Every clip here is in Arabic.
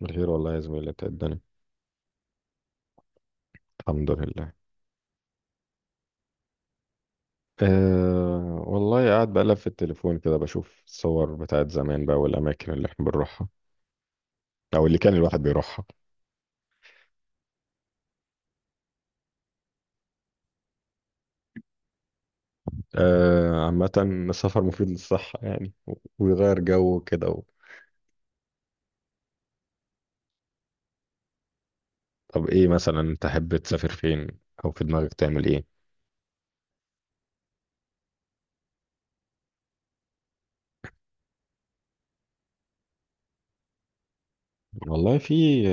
بخير والله يا زميلي، إنت إيه الدنيا؟ الحمد لله. والله قاعد بقلب في التليفون كده، بشوف الصور بتاعت زمان بقى والأماكن اللي احنا بنروحها، أو اللي كان الواحد بيروحها. عامة السفر مفيد للصحة يعني ويغير جو كده طب إيه مثلا تحب تسافر فين؟ أو في دماغك تعمل إيه؟ والله في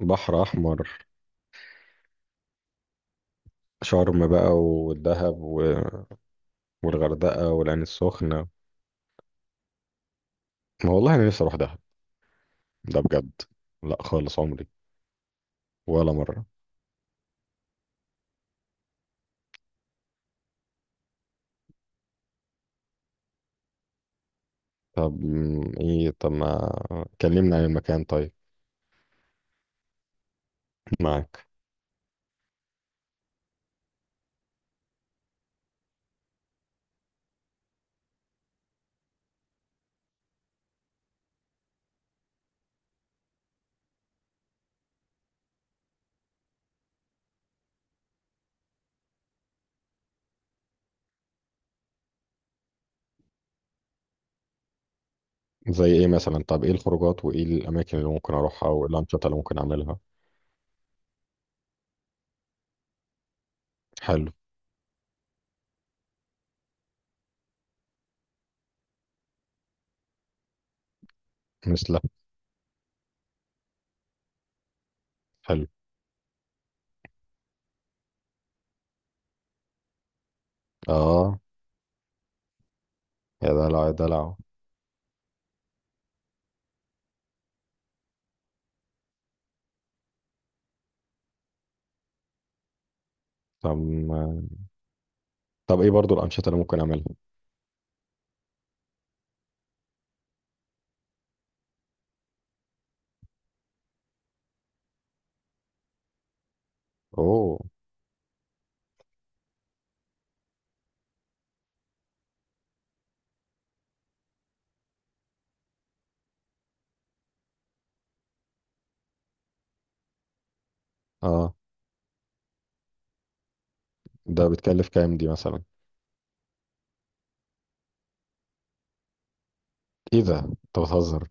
بحر أحمر، شرم بقى والدهب والغردقة والعين السخنة. ما والله أنا نفسي أروح دهب، ده بجد. لا خالص عمري، ولا مرة. طب م، ايه طب ما كلمنا عن المكان، طيب. معاك. زي ايه مثلا؟ طب ايه الخروجات وايه الاماكن اللي ممكن اروحها وايه الانشطه اللي ممكن اعملها؟ حلو. مثله. حلو. اه يا دلع يا دلع. طب م، طب ايه برضو الانشطه اللي ممكن اعملها؟ اوه. اه ده بتكلف كام دي مثلا؟ ايه ده، انت بتهزر؟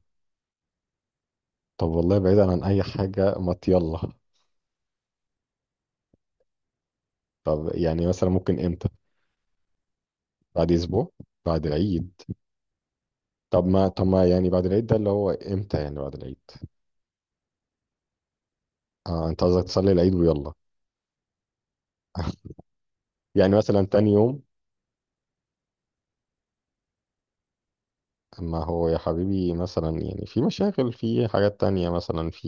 طب والله بعيدا عن اي حاجه، ما يلا. طب يعني مثلا ممكن امتى؟ بعد اسبوع؟ بعد العيد؟ طب ما طب ما يعني بعد العيد ده اللي هو امتى؟ يعني بعد العيد. اه انت قصدك تصلي العيد ويلا؟ يعني مثلا تاني يوم؟ ما هو يا حبيبي، مثلا يعني في مشاغل، في حاجات تانية، مثلا في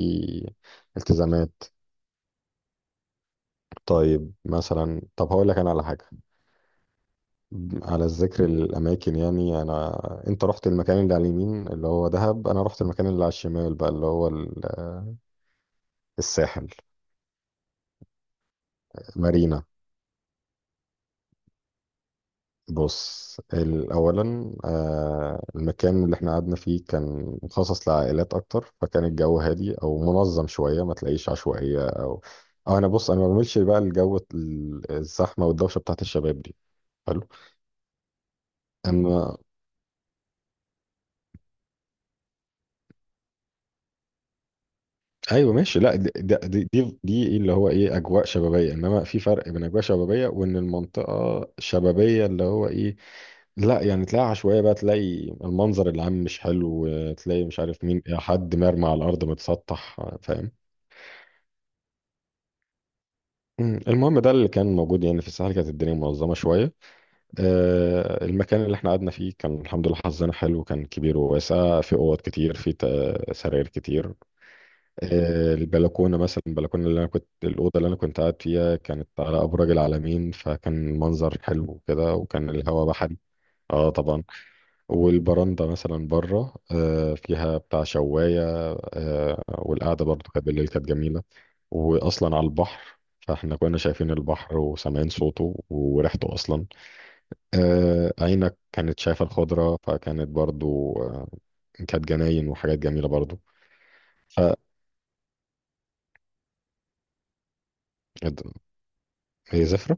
التزامات. طيب مثلا، طب هقول لك انا على حاجة، على الذكر الاماكن، يعني انا، انت رحت المكان اللي على اليمين اللي هو دهب، انا رحت المكان اللي على الشمال بقى اللي هو الساحل. مارينا. بص اولا، المكان اللي احنا قعدنا فيه كان مخصص لعائلات اكتر، فكان الجو هادي او منظم شويه، ما تلاقيش عشوائيه او، أو انا بص انا ما بعملش بقى الجو الزحمه والدوشه بتاعت الشباب دي. حلو. اما. ايوه ماشي. لا دي دي إيه اللي هو ايه، اجواء شبابيه، انما في فرق بين اجواء شبابيه وان المنطقه شبابيه اللي هو ايه. لا يعني، تلاقي عشوائية بقى، تلاقي المنظر العام مش حلو، تلاقي مش عارف مين حد مرمى على الأرض متسطح. فاهم؟ المهم ده اللي كان موجود يعني. في الساحل كانت الدنيا منظمة شوية. المكان اللي احنا قعدنا فيه كان الحمد لله حظنا حلو، كان كبير وواسع، في أوض كتير، في سراير كتير. البلكونة مثلا، البلكونة اللي أنا كنت، الأوضة اللي أنا كنت قاعد فيها كانت على أبراج العلمين، فكان المنظر حلو كده، وكان الهواء بحري. اه طبعا. والبرندة مثلا بره فيها بتاع شواية. والقعدة برضو كانت بالليل، كانت جميلة. وأصلا على البحر، فاحنا كنا شايفين البحر وسامعين صوته وريحته أصلا. عينك كانت شايفة الخضرة، فكانت برضو كانت جناين وحاجات جميلة برضو. ف هي زفرة.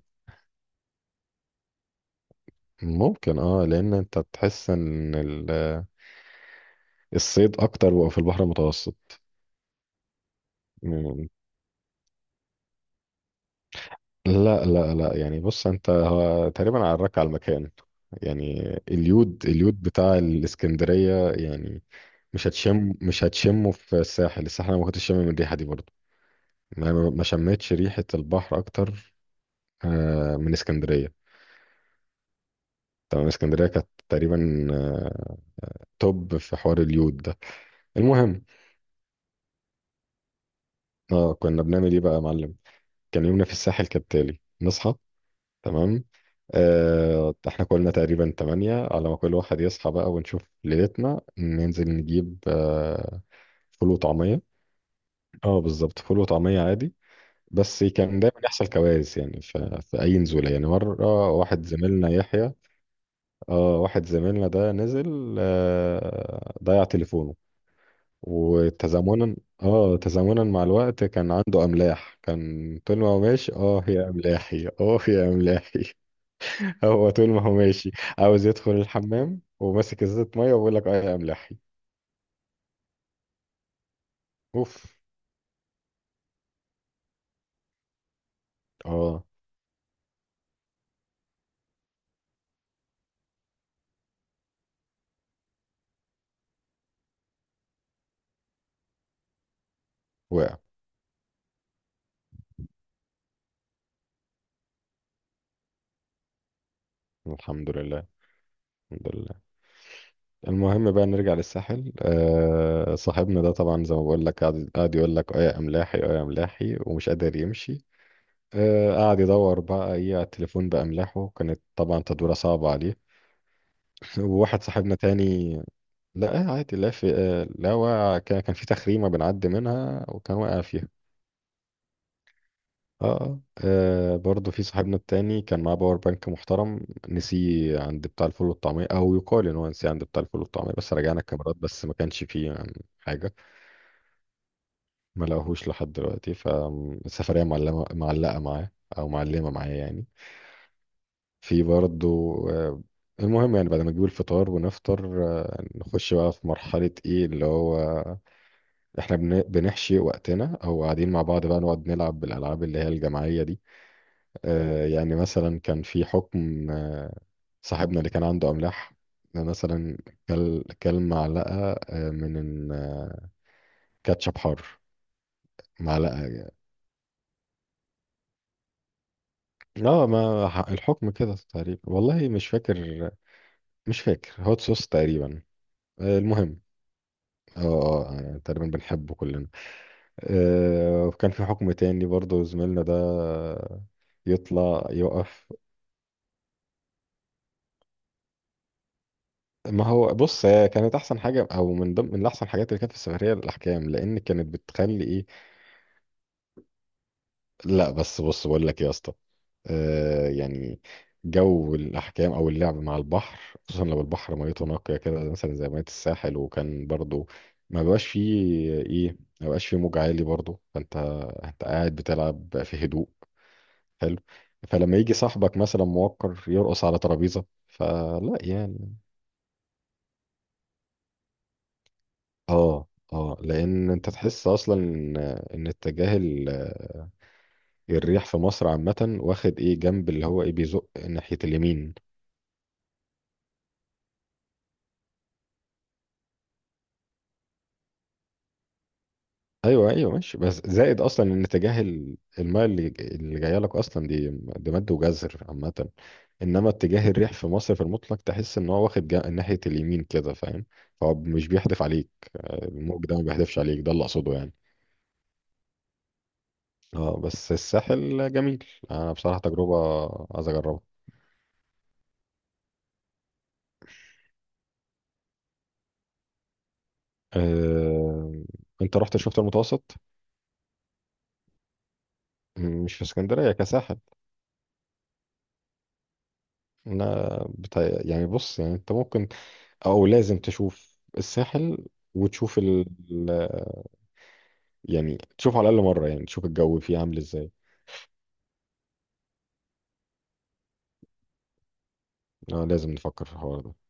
ممكن اه، لأن أنت تحس إن الصيد أكتر بقى في البحر المتوسط. مم. لا لا لا، يعني بص، أنت هو تقريبا عراك على المكان. يعني اليود، اليود بتاع الاسكندرية يعني. مش هتشمه في الساحل. الساحل انا ما كنتش شامم الريحة دي برضه. ما شميتش ريحة البحر اكتر من اسكندرية. تمام، اسكندرية كانت تقريبا توب في حوار اليود ده. المهم، اه كنا بنعمل ايه بقى يا معلم؟ كان يومنا في الساحل كالتالي، نصحى، تمام، احنا كلنا تقريبا تمانية، على ما كل واحد يصحى بقى، ونشوف ليلتنا، ننزل نجيب فول وطعمية. اه بالظبط، فول وطعمية عادي. بس كان دايما يحصل كوارث يعني، في أي نزولة، يعني مرة واحد زميلنا يحيى، اه واحد زميلنا ده نزل ضيع تليفونه. وتزامنا، اه تزامنا مع الوقت كان عنده أملاح، كان طول ما هو ماشي، اه يا أملاحي اه يا أملاحي. هو طول ما هو ماشي عاوز يدخل الحمام وماسك ازازة مية وبيقول لك اه يا أملاحي. اوف. اه وقع. الحمد لله. الحمد لله. المهم بقى، نرجع للساحل. صاحبنا ده طبعا زي ما بقول لك قاعد، يقول لك اه يا املاحي اه يا املاحي، ومش قادر يمشي. قاعد يدور بقى ايه على التليفون باملاحه، كانت طبعا تدوره صعبه عليه. وواحد صاحبنا تاني، لا عادي، لا في لا واقع، كان في تخريمه بنعدي منها وكان واقع فيها. اه اه. برضه في صاحبنا التاني كان معاه باور بانك محترم، نسيه عند بتاع الفول والطعميه، او يقال ان هو نسيه عند بتاع الفول والطعميه، بس رجعنا الكاميرات بس ما كانش فيه يعني حاجه. ما لقاهوش لحد دلوقتي، فالسفرية معلمة معلقة معاه، أو معلمة معايا يعني. في برضه آه، المهم يعني بعد ما نجيب الفطار ونفطر، نخش بقى في مرحلة ايه اللي هو، احنا بنحشي وقتنا، او قاعدين مع بعض بقى نقعد نلعب بالألعاب اللي هي الجماعية دي. يعني مثلا كان في حكم، صاحبنا اللي كان عنده أملاح مثلا، كل معلقة آه، من آه، كاتشب حار. معلقة اه، ما ح- الحكم كده تقريبا والله مش فاكر، مش فاكر، هوت صوص تقريبا. المهم، يعني تقريبا بنحبه كلنا. وكان في حكم تاني برضه زميلنا ده، يطلع يقف. ما هو بص، هي كانت احسن حاجه او من ضمن من احسن حاجات اللي كانت في السفريه الاحكام، لان كانت بتخلي ايه. لا بس بص بقول لك إيه يا اسطى، يعني جو الاحكام او اللعب مع البحر، خصوصا لو البحر ميته نقيه كده مثلا زي ميه الساحل، وكان برضو ما بقاش فيه ما بقاش فيه موج عالي برضو، فانت انت قاعد بتلعب في هدوء. حلو. فلما يجي صاحبك مثلا موقر يرقص على ترابيزه فلا يعني. اه اه، لان انت تحس اصلا ان، إن اتجاه الريح في مصر عامه واخد ايه جنب اللي هو ايه، بيزق ناحيه اليمين. ايوه ايوه ماشي، بس زائد اصلا ان اتجاه الماء اللي جايه لك اصلا، دي دي مد وجزر عامه، انما اتجاه الريح في مصر في المطلق تحس ان هو واخد ناحيه اليمين كده، فاهم؟ فهو مش بيحدف عليك. الموج ده ما بيحدفش عليك، ده اللي اقصده يعني. اه بس الساحل جميل. انا بصراحه تجربه عايز اجربها. أه... انت رحت شفت المتوسط؟ مش في اسكندريه كساحل. انا بتا... يعني بص يعني، انت ممكن او لازم تشوف الساحل، وتشوف يعني، تشوف على الأقل مرة يعني تشوف الجو فيه عامل ازاي. آه لازم نفكر في الحوار ده.